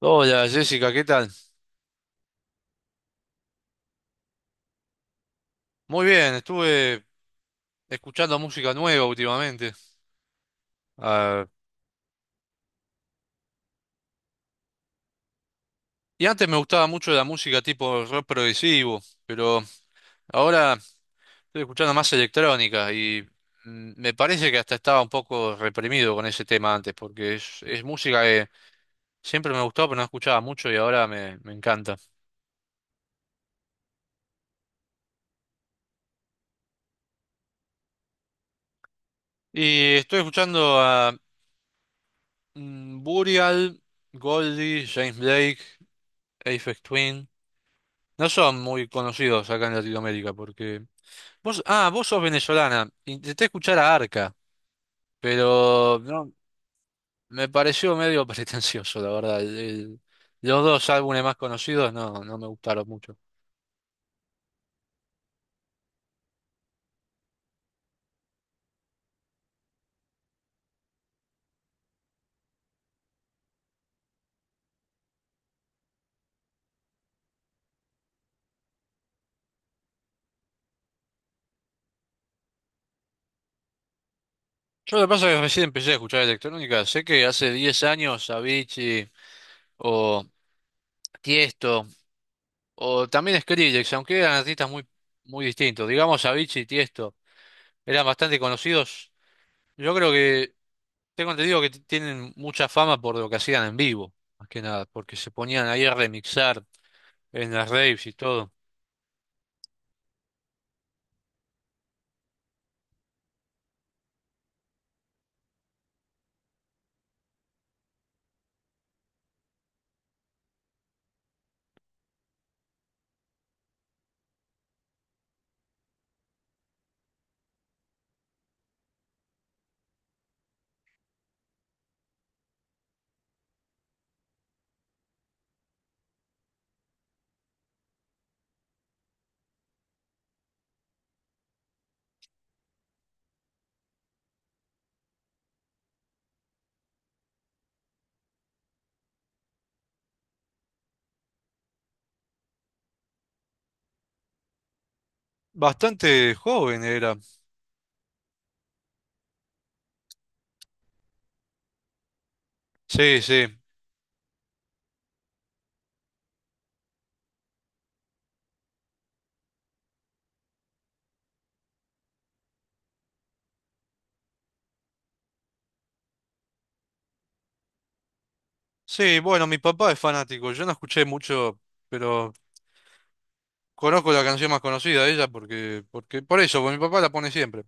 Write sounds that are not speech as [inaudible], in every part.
Hola Jessica, ¿qué tal? Muy bien, estuve escuchando música nueva últimamente. Ah, y antes me gustaba mucho la música tipo rock progresivo, pero ahora estoy escuchando más electrónica y me parece que hasta estaba un poco reprimido con ese tema antes, porque es música que siempre me gustó, pero no escuchaba mucho y ahora me encanta. Y estoy escuchando a Burial, Goldie, James Blake, Aphex Twin. No son muy conocidos acá en Latinoamérica porque vos sos venezolana. Intenté escuchar a Arca, pero no, me pareció medio [laughs] pretencioso, la verdad. Los dos álbumes más conocidos no me gustaron mucho. Yo lo que pasa es que recién empecé a escuchar electrónica. Sé que hace 10 años Avicii o Tiesto o también Skrillex, aunque eran artistas muy distintos. Digamos Avicii y Tiesto eran bastante conocidos. Yo creo que tengo entendido que tienen mucha fama por lo que hacían en vivo, más que nada, porque se ponían ahí a remixar en las raves y todo. Bastante joven era. Sí, sí. Sí, bueno, mi papá es fanático. Yo no escuché mucho, pero conozco la canción más conocida de ella porque, porque, por eso, porque mi papá la pone siempre.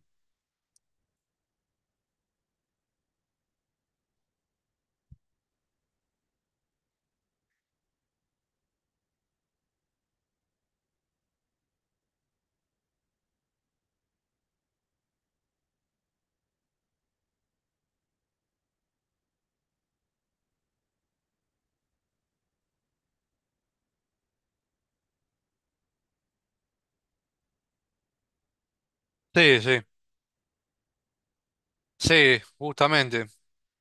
Sí, sí. Sí, justamente.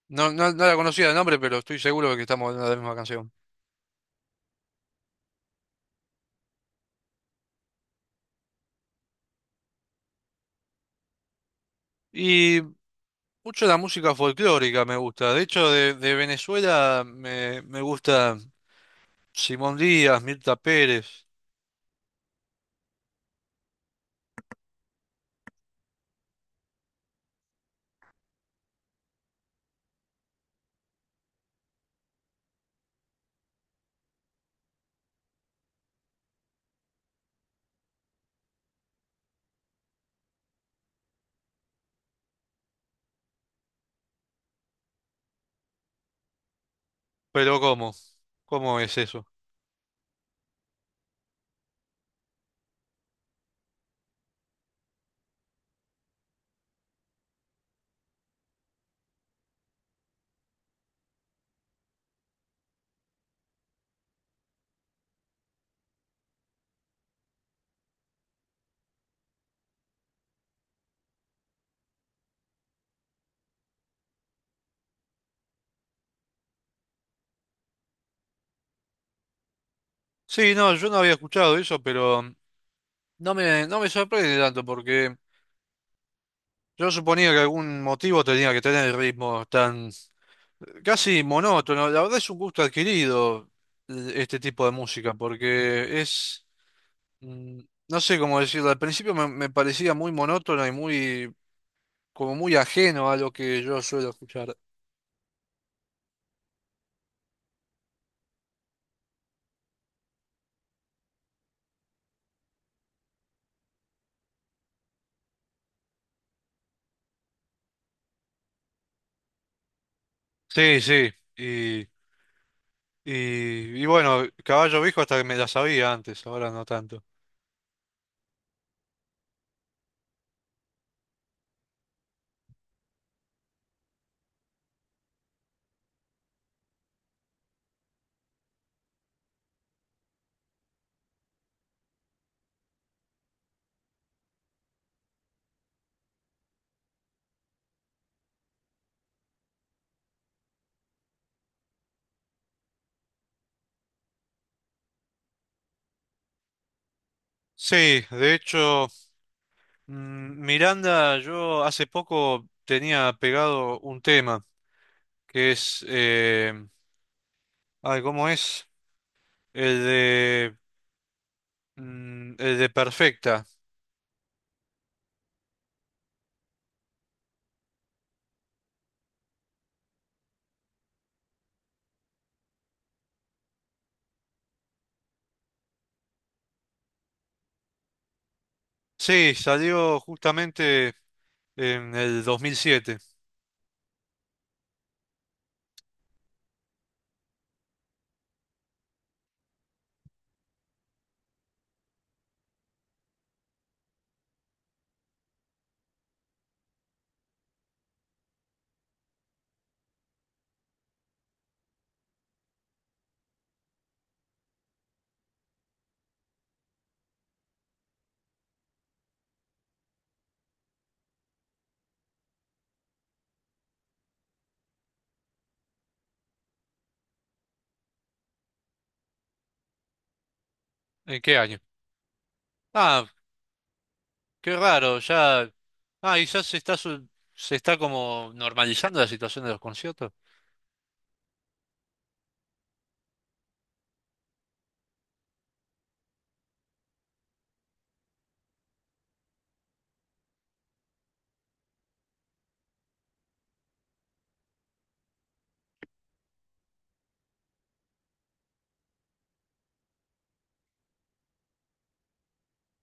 No, no, no la conocía de nombre, pero estoy seguro de que estamos hablando de la misma canción. Y mucho la música folclórica me gusta. De hecho, de Venezuela me gusta Simón Díaz, Mirta Pérez. Pero ¿cómo? ¿Cómo es eso? Sí, no, yo no había escuchado eso, pero no me sorprende tanto porque yo suponía que algún motivo tenía que tener ritmos tan casi monótono. La verdad es un gusto adquirido este tipo de música porque mm, no sé cómo decirlo, al principio me parecía muy monótono y muy, como muy ajeno a lo que yo suelo escuchar. Sí, sí, y, y, y bueno, Caballo Viejo hasta que me la sabía antes, ahora no tanto. Sí, de hecho... Miranda, yo hace poco tenía pegado un tema que es, ay, ¿cómo es? El de, el de Perfecta. Sí, salió justamente en el 2007. ¿En qué año? Ah, qué raro, ya, ah, quizás se está como normalizando la situación de los conciertos.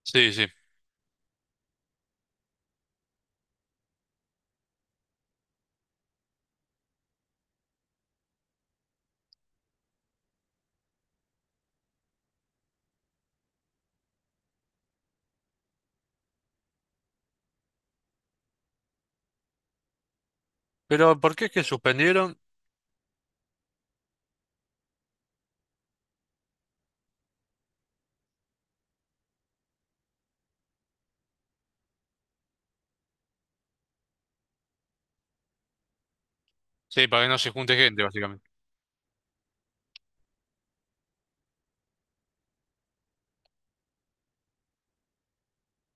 Sí, sí. Pero ¿por qué es que suspendieron? Sí, para que no se junte gente, básicamente.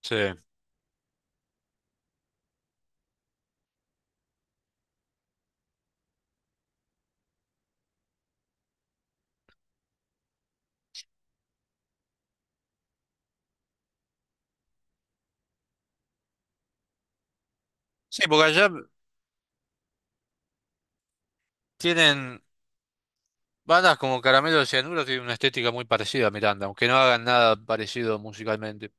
Sí. Sí, porque allá tienen bandas como Caramelo de Cianuro, tienen una estética muy parecida a Miranda, aunque no hagan nada parecido musicalmente.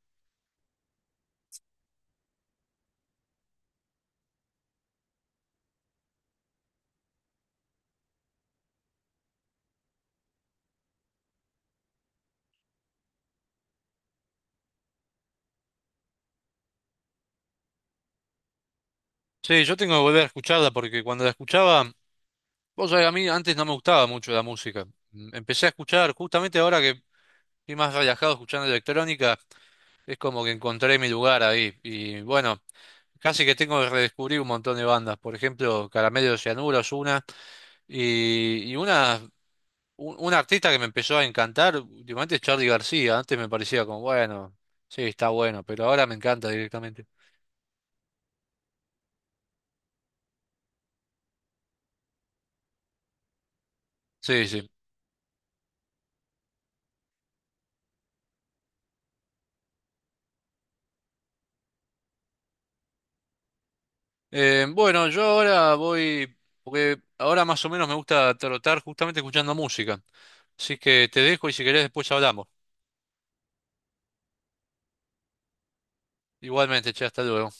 Sí, yo tengo que volver a escucharla porque cuando la escuchaba, vos sabés, a mí antes no me gustaba mucho la música. Empecé a escuchar, justamente ahora que estoy más relajado escuchando electrónica, es como que encontré mi lugar ahí. Y bueno, casi que tengo que redescubrir un montón de bandas. Por ejemplo, Caramelo de Cianuro es una, y, y una un artista que me empezó a encantar últimamente es Charly García. Antes me parecía como, bueno, sí, está bueno, pero ahora me encanta directamente. Sí, sí. Bueno, yo ahora voy, porque ahora más o menos me gusta trotar justamente escuchando música. Así que te dejo y si querés después hablamos. Igualmente, che, hasta luego.